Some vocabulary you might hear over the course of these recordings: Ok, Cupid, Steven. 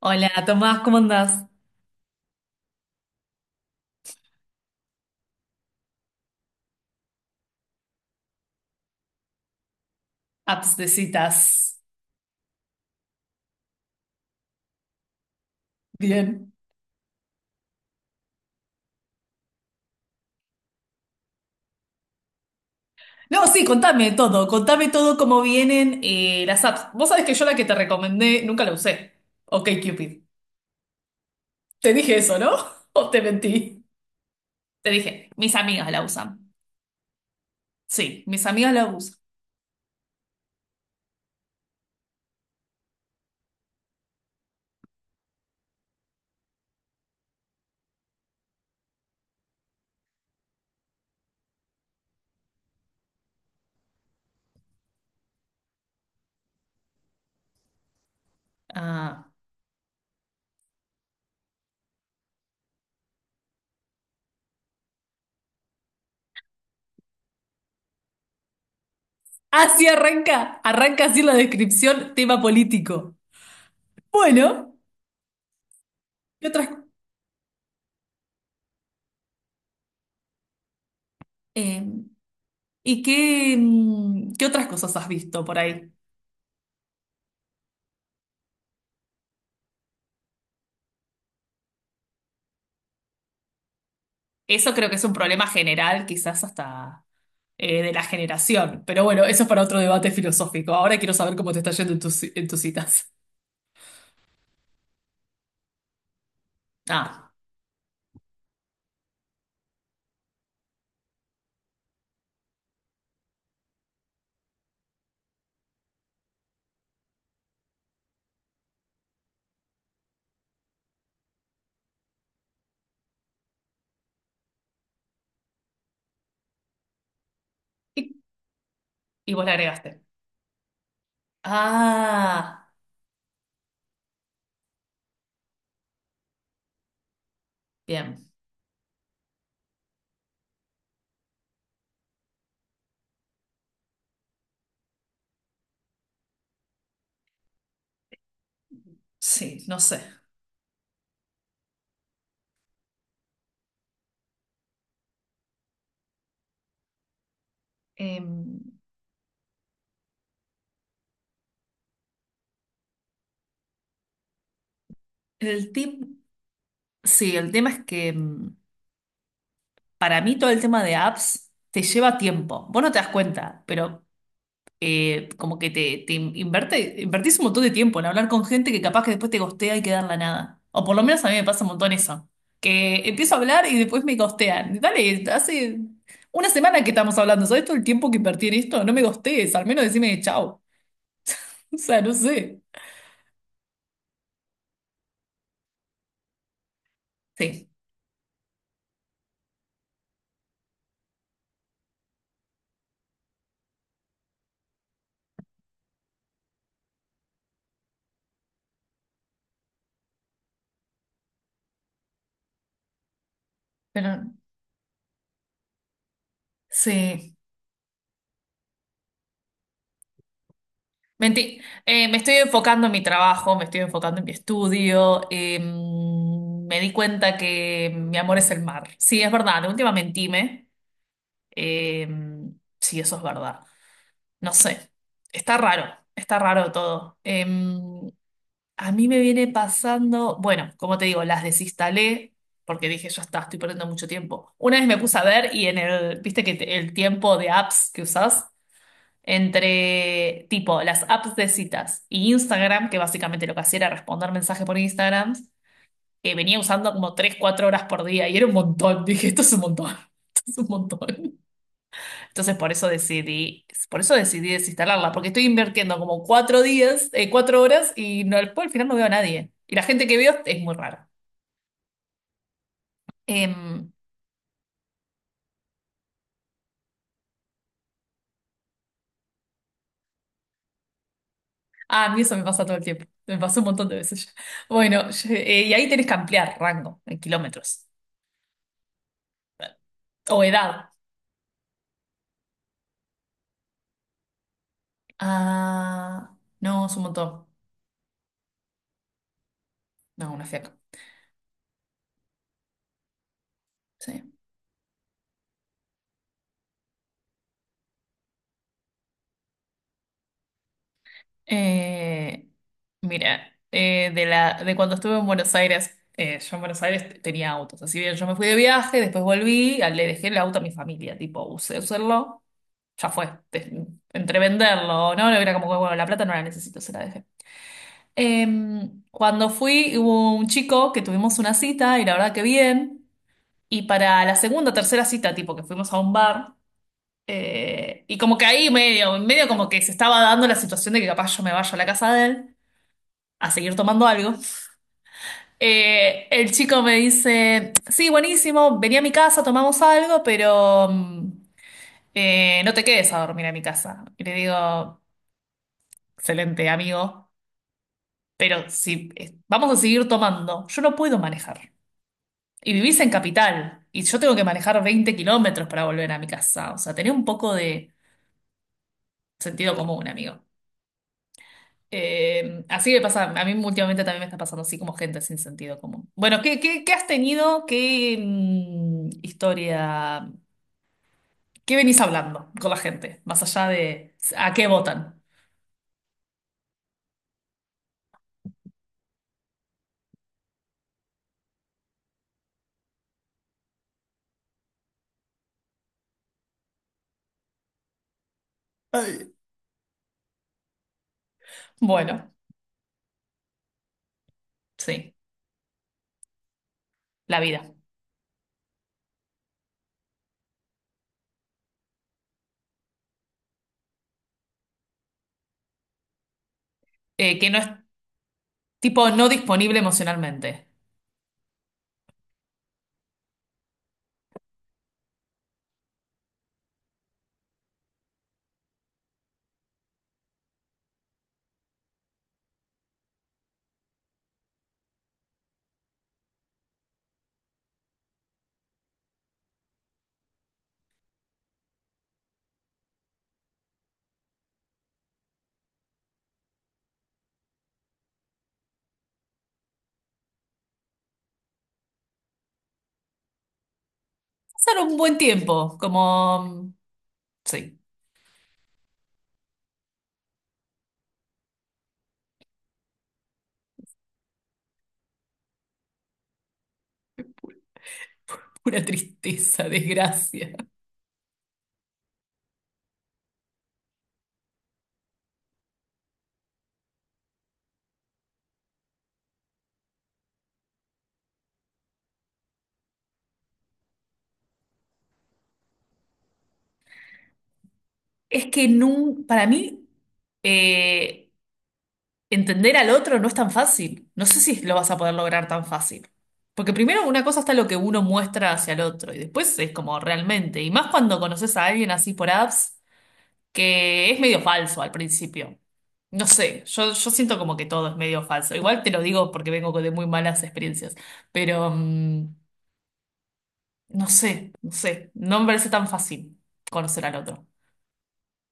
Hola, Tomás, ¿cómo andás? Apps de citas. Bien. No, sí, contame todo cómo vienen las apps. Vos sabés que yo la que te recomendé nunca la usé. Ok, Cupid. Te dije eso, ¿no? ¿O te mentí? Te dije, mis amigas la usan. Sí, mis amigas la usan. Ah. Así arranca, arranca así la descripción, tema político. Bueno, ¿qué otras, eh, ¿y qué, mm, ¿qué otras cosas has visto por ahí? Eso creo que es un problema general, quizás hasta de la generación. Pero bueno, eso es para otro debate filosófico. Ahora quiero saber cómo te está yendo en tus citas. Ah, y, y vos le agregaste. Ah, bien. Sí, no sé. Em, el tim- sí, el tema es que para mí todo el tema de apps te lleva tiempo. Vos no te das cuenta, pero como que te invertís un montón de tiempo en hablar con gente que capaz que después te gostea y queda en la nada. O por lo menos a mí me pasa un montón eso. Que empiezo a hablar y después me gostean. Dale, hace una semana que estamos hablando. ¿Sabes todo el tiempo que invertí en esto? No me gostees, al menos decime chao. O sea, no sé. Sí, pero sí. Mentí. Me estoy enfocando en mi trabajo, me estoy enfocando en mi estudio. Me di cuenta que mi amor es el mar. Sí, es verdad, de última mentime. Eh, sí, eso es verdad. No sé, está raro, está raro todo. A mí me viene pasando, bueno, como te digo, las desinstalé porque dije, ya está, estoy perdiendo mucho tiempo. Una vez me puse a ver y viste que el tiempo de apps que usás, entre tipo las apps de citas y Instagram, que básicamente lo que hacía era responder mensajes por Instagram, venía usando como 3 4 horas por día y era un montón. Dije, esto es un montón, esto es un montón. Entonces por eso decidí desinstalarla, porque estoy invirtiendo como 4 días, 4 horas y no, después al final no veo a nadie. Y la gente que veo es muy rara. Em, ah, a mí eso me pasa todo el tiempo. Me pasó un montón de veces ya. Bueno, y ahí tenés que ampliar rango en kilómetros o edad. Ah, no, es un montón. No, una fiaca. Sí. Eh, Mira, de cuando estuve en Buenos Aires, yo en Buenos Aires tenía autos. Así bien, yo me fui de viaje, después volví, le dejé el auto a mi familia, tipo, usé usarlo, ya fue. Entre venderlo, ¿no? Era como que, bueno, la plata no la necesito, se la dejé. Cuando fui, hubo un chico que tuvimos una cita y la verdad que bien. Y para la segunda tercera cita, tipo, que fuimos a un bar. Y como que ahí medio, medio como que se estaba dando la situación de que capaz yo me vaya a la casa de él a seguir tomando algo. El chico me dice, sí, buenísimo, vení a mi casa, tomamos algo, pero no te quedes a dormir a mi casa. Y le digo, excelente, amigo, pero si vamos a seguir tomando, yo no puedo manejar. Y vivís en capital, y yo tengo que manejar 20 km para volver a mi casa. O sea, tenés un poco de sentido común, amigo. Así me pasa, a mí últimamente también me está pasando así como gente sin sentido común. Bueno, ¿qué has tenido? ¿Qué historia? ¿Qué venís hablando con la gente? Más allá de a qué votan. Bueno, sí, la vida. Que no es tipo no disponible emocionalmente. Pasar un buen tiempo, como, sí, pura tristeza, desgracia. Es que para mí... Eh, Entender al otro no es tan fácil. No sé si lo vas a poder lograr tan fácil. Porque primero una cosa está lo que uno muestra hacia el otro y después es como realmente. Y más cuando conoces a alguien así por apps, que es medio falso al principio. No sé, yo siento como que todo es medio falso. Igual te lo digo porque vengo de muy malas experiencias. Pero no sé, no sé. No me parece tan fácil conocer al otro.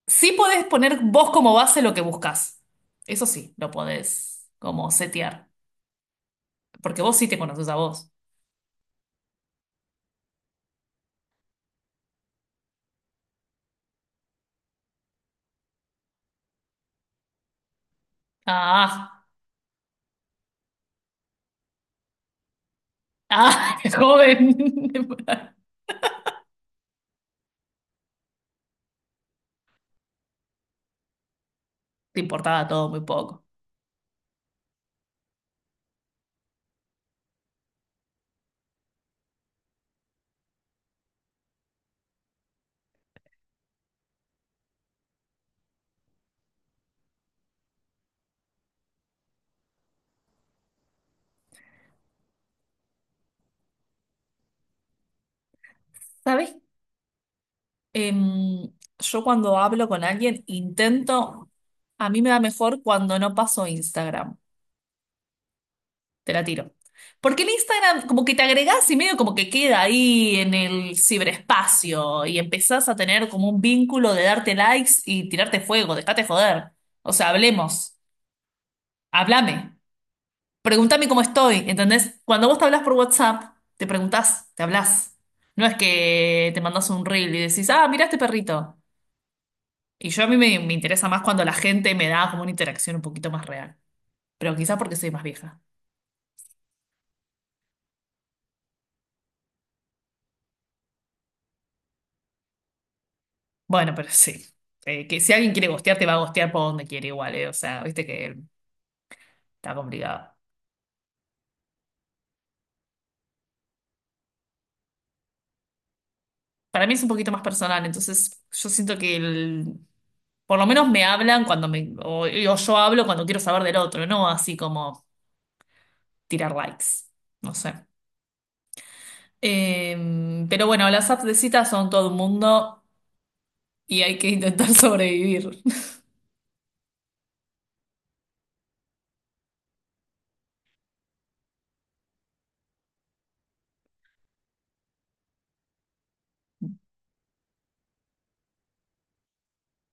Sí podés poner vos como base lo que buscas. Eso sí, lo podés como setear. Porque vos sí te conoces a vos. Ah, ah, joven. Te importaba todo muy poco. ¿Sabes? Em, yo cuando hablo con alguien intento, a mí me va mejor cuando no paso Instagram. Te la tiro. Porque el Instagram como que te agregás y medio como que queda ahí en el ciberespacio y empezás a tener como un vínculo de darte likes y tirarte fuego, dejate joder. O sea, hablemos, háblame. Pregúntame cómo estoy, ¿entendés? Cuando vos te hablas por WhatsApp, te preguntás, te hablas. No es que te mandas un reel y decís, ah, mira este perrito. Y yo a mí me interesa más cuando la gente me da como una interacción un poquito más real. Pero quizás porque soy más vieja. Bueno, pero sí. Que si alguien quiere gostear, te va a gostear por donde quiere igual, eh. O sea, viste que está complicado. Para mí es un poquito más personal, entonces yo siento que por lo menos me hablan cuando me, o yo hablo cuando quiero saber del otro, no así como tirar likes. No sé. Eh, pero bueno, las apps de cita son todo un mundo y hay que intentar sobrevivir,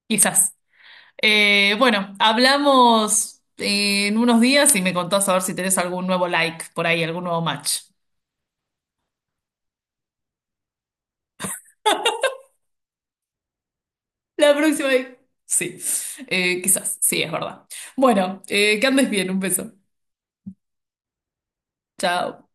quizás. Bueno, hablamos en unos días y me contás a ver si tenés algún nuevo like por ahí, algún nuevo match. La próxima vez. Sí, quizás, sí, es verdad. Bueno, que andes bien, un beso. Chao.